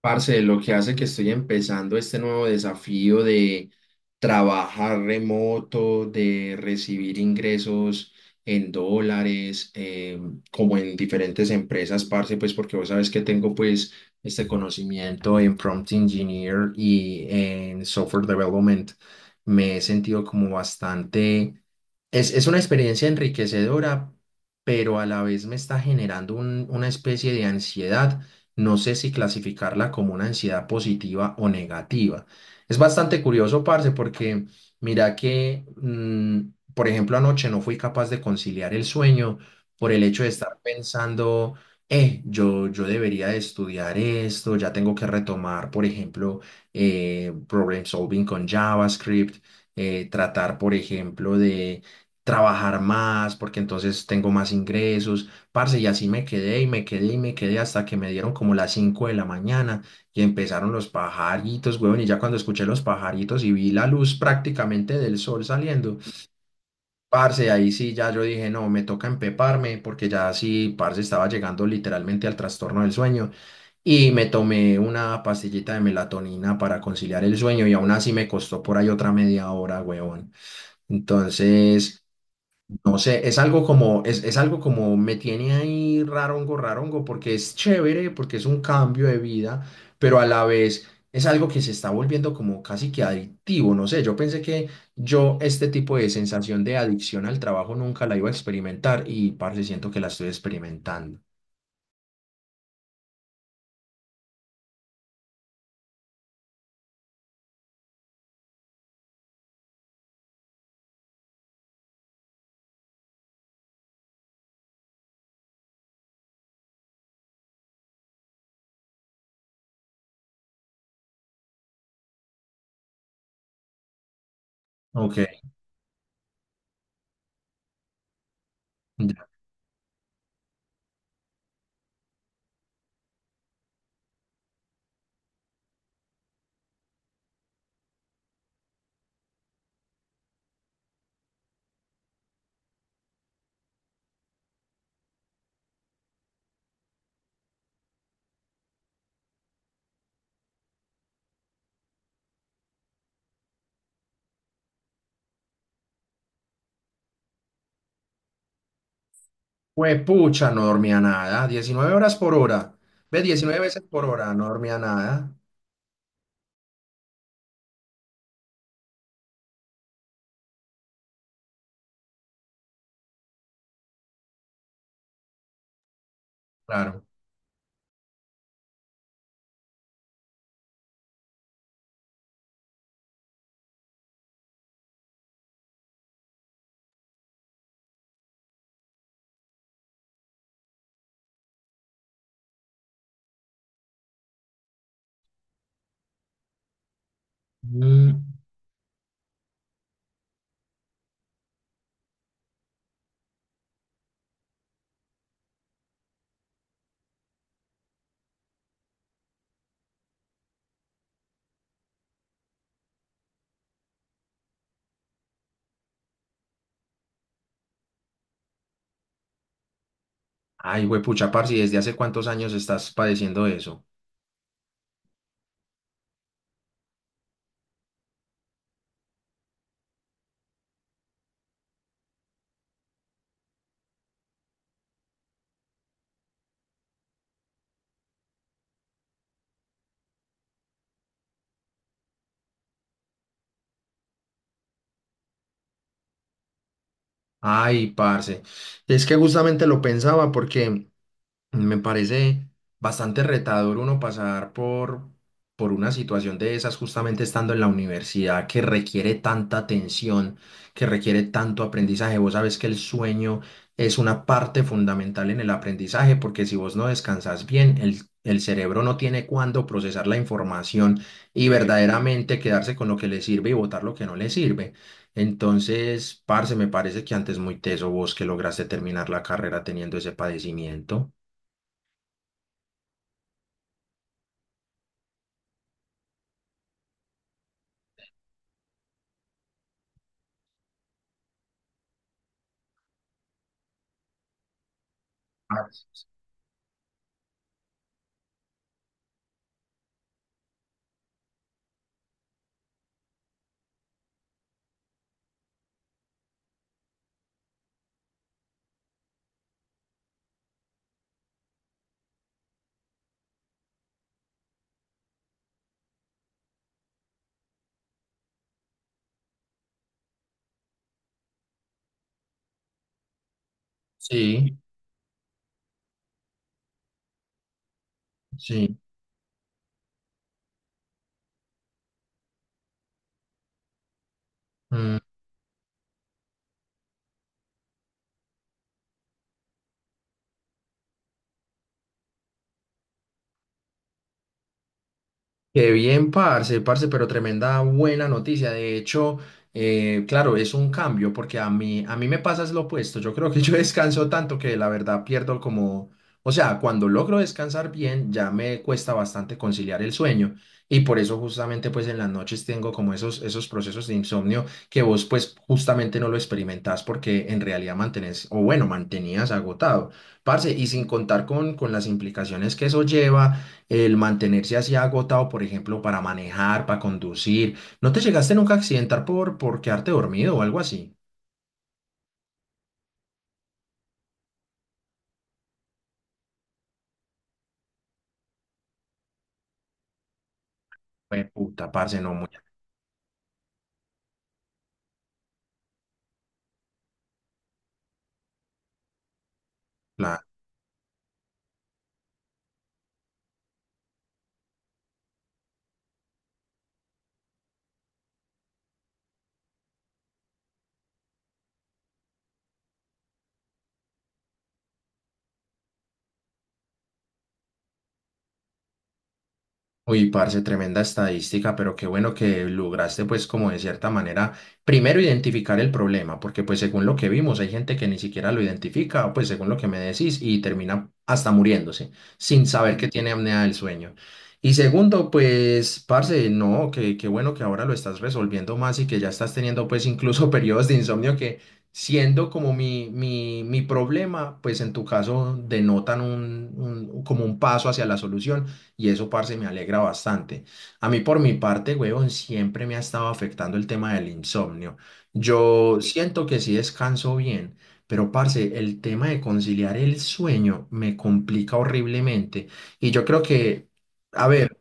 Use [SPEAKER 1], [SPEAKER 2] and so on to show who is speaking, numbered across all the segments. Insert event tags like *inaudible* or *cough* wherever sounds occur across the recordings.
[SPEAKER 1] Parce, lo que hace que estoy empezando este nuevo desafío de trabajar remoto, de recibir ingresos en dólares, como en diferentes empresas, parce, pues porque vos sabes que tengo pues este conocimiento en prompt engineer y en software development. Me he sentido como bastante es una experiencia enriquecedora, pero a la vez me está generando una especie de ansiedad. No sé si clasificarla como una ansiedad positiva o negativa. Es bastante curioso, parce, porque mira que, por ejemplo, anoche no fui capaz de conciliar el sueño por el hecho de estar pensando, yo debería de estudiar esto, ya tengo que retomar, por ejemplo, problem solving con JavaScript, tratar, por ejemplo, de trabajar más, porque entonces tengo más ingresos, parce, y así me quedé y me quedé y me quedé hasta que me dieron como las 5 de la mañana y empezaron los pajaritos, huevón, y ya cuando escuché los pajaritos y vi la luz prácticamente del sol saliendo, parce, ahí sí ya yo dije, no, me toca empeparme, porque ya sí, parce, estaba llegando literalmente al trastorno del sueño y me tomé una pastillita de melatonina para conciliar el sueño y aún así me costó por ahí otra media hora, huevón. Entonces. No sé, es algo como, es algo como me tiene ahí rarongo, rarongo, porque es chévere, porque es un cambio de vida, pero a la vez es algo que se está volviendo como casi que adictivo, no sé, yo pensé que yo este tipo de sensación de adicción al trabajo nunca la iba a experimentar y parce, siento que la estoy experimentando. Ok. Fue pucha, no dormía nada, 19 horas por hora, ve, 19 veces por hora, no dormía nada, claro. Mm, Ay, huepucha, parce, ¿y desde hace cuántos años estás padeciendo eso? Ay, parce, es que justamente lo pensaba porque me parece bastante retador uno pasar por una situación de esas justamente estando en la universidad que requiere tanta atención, que requiere tanto aprendizaje. Vos sabes que el sueño es una parte fundamental en el aprendizaje porque si vos no descansas bien, el cerebro no tiene cuándo procesar la información y verdaderamente quedarse con lo que le sirve y botar lo que no le sirve. Entonces, parce, me parece que antes muy teso vos que lograste terminar la carrera teniendo ese padecimiento. Ah. Sí, sí. Mm, Qué bien, parce, parce, pero tremenda buena noticia. De hecho, claro, es un cambio porque a mí me pasa es lo opuesto. Yo creo que *laughs* yo descanso tanto que la verdad pierdo como, o sea, cuando logro descansar bien, ya me cuesta bastante conciliar el sueño. Y por eso justamente pues en las noches tengo como esos, esos procesos de insomnio que vos pues justamente no lo experimentás porque en realidad mantenés, o bueno, mantenías agotado. Parce, y sin contar con las implicaciones que eso lleva el mantenerse así agotado, por ejemplo, para manejar, para conducir. ¿No te llegaste nunca a accidentar por quedarte dormido o algo así? Fue puta, parce, no, muy. Uy, parce, tremenda estadística, pero qué bueno que lograste pues como de cierta manera primero identificar el problema, porque pues según lo que vimos hay gente que ni siquiera lo identifica, pues según lo que me decís, y termina hasta muriéndose sin saber que tiene apnea del sueño. Y segundo, pues parce, no, que qué bueno que ahora lo estás resolviendo más y que ya estás teniendo pues incluso *laughs* periodos de insomnio que siendo como mi problema, pues en tu caso denotan un, como un paso hacia la solución y eso, parce, me alegra bastante. A mí, por mi parte, huevón, siempre me ha estado afectando el tema del insomnio. Yo siento que sí descanso bien, pero, parce, el tema de conciliar el sueño me complica horriblemente. Y yo creo que, a ver,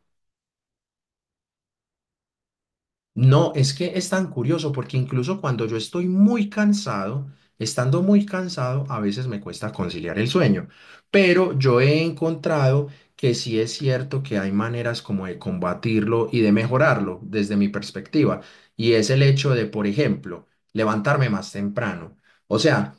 [SPEAKER 1] no, es que es tan curioso porque incluso cuando yo estoy muy cansado, estando muy cansado, a veces me cuesta conciliar el sueño. Pero yo he encontrado que sí es cierto que hay maneras como de combatirlo y de mejorarlo desde mi perspectiva. Y es el hecho de, por ejemplo, levantarme más temprano. O sea,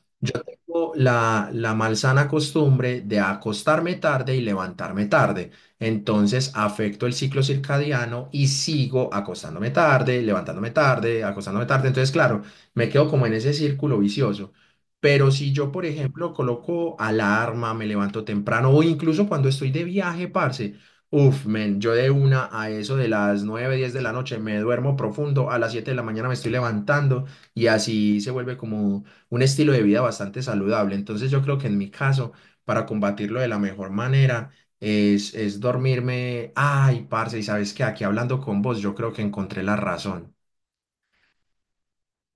[SPEAKER 1] tengo la, la malsana costumbre de acostarme tarde y levantarme tarde. Entonces afecto el ciclo circadiano y sigo acostándome tarde, levantándome tarde, acostándome tarde. Entonces, claro, me quedo como en ese círculo vicioso. Pero si yo, por ejemplo, coloco alarma, me levanto temprano o incluso cuando estoy de viaje, parce, uf, men, yo de una a eso de las 9 10 de la noche me duermo profundo, a las 7 de la mañana me estoy levantando y así se vuelve como un estilo de vida bastante saludable. Entonces yo creo que en mi caso, para combatirlo de la mejor manera, es dormirme, ay, parce, y sabes que aquí hablando con vos, yo creo que encontré la razón.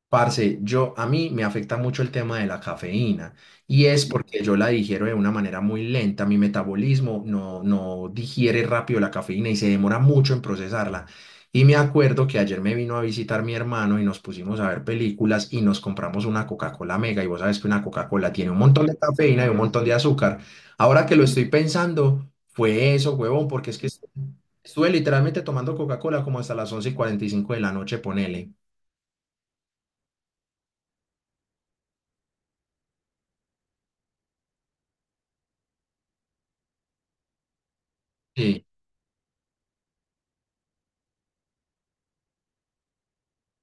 [SPEAKER 1] Parce, yo a mí me afecta mucho el tema de la cafeína y es porque yo la digiero de una manera muy lenta, mi metabolismo no, no digiere rápido la cafeína y se demora mucho en procesarla. Y me acuerdo que ayer me vino a visitar mi hermano y nos pusimos a ver películas y nos compramos una Coca-Cola Mega y vos sabes que una Coca-Cola tiene un montón de cafeína y un montón de azúcar. Ahora que lo estoy pensando, fue eso, huevón, porque es que estuve literalmente tomando Coca-Cola como hasta las 11:45 de la noche, ponele. Sí.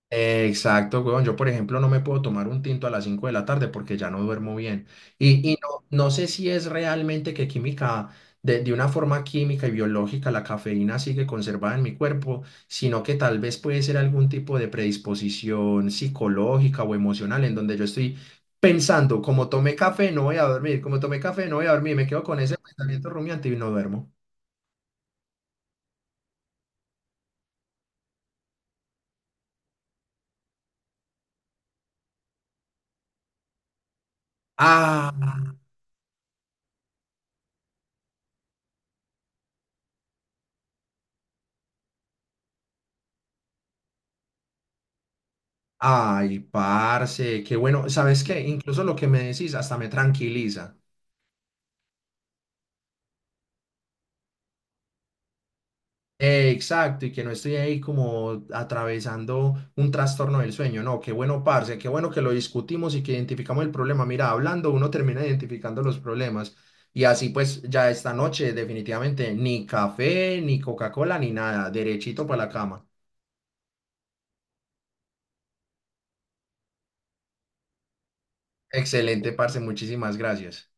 [SPEAKER 1] Exacto, weón. Yo, por ejemplo, no me puedo tomar un tinto a las 5 de la tarde porque ya no duermo bien. Y no, no sé si es realmente que química, de una forma química y biológica, la cafeína sigue conservada en mi cuerpo, sino que tal vez puede ser algún tipo de predisposición psicológica o emocional en donde yo estoy pensando, como tomé café, no voy a dormir, como tomé café, no voy a dormir, me quedo con ese pensamiento rumiante y no duermo. Ah. Ay, parce, qué bueno. ¿Sabes qué? Incluso lo que me decís hasta me tranquiliza. Exacto, y que no estoy ahí como atravesando un trastorno del sueño. No, qué bueno, parce, qué bueno que lo discutimos y que identificamos el problema. Mira, hablando uno termina identificando los problemas. Y así pues ya esta noche definitivamente ni café, ni Coca-Cola, ni nada. Derechito para la cama. Excelente, parce, muchísimas gracias.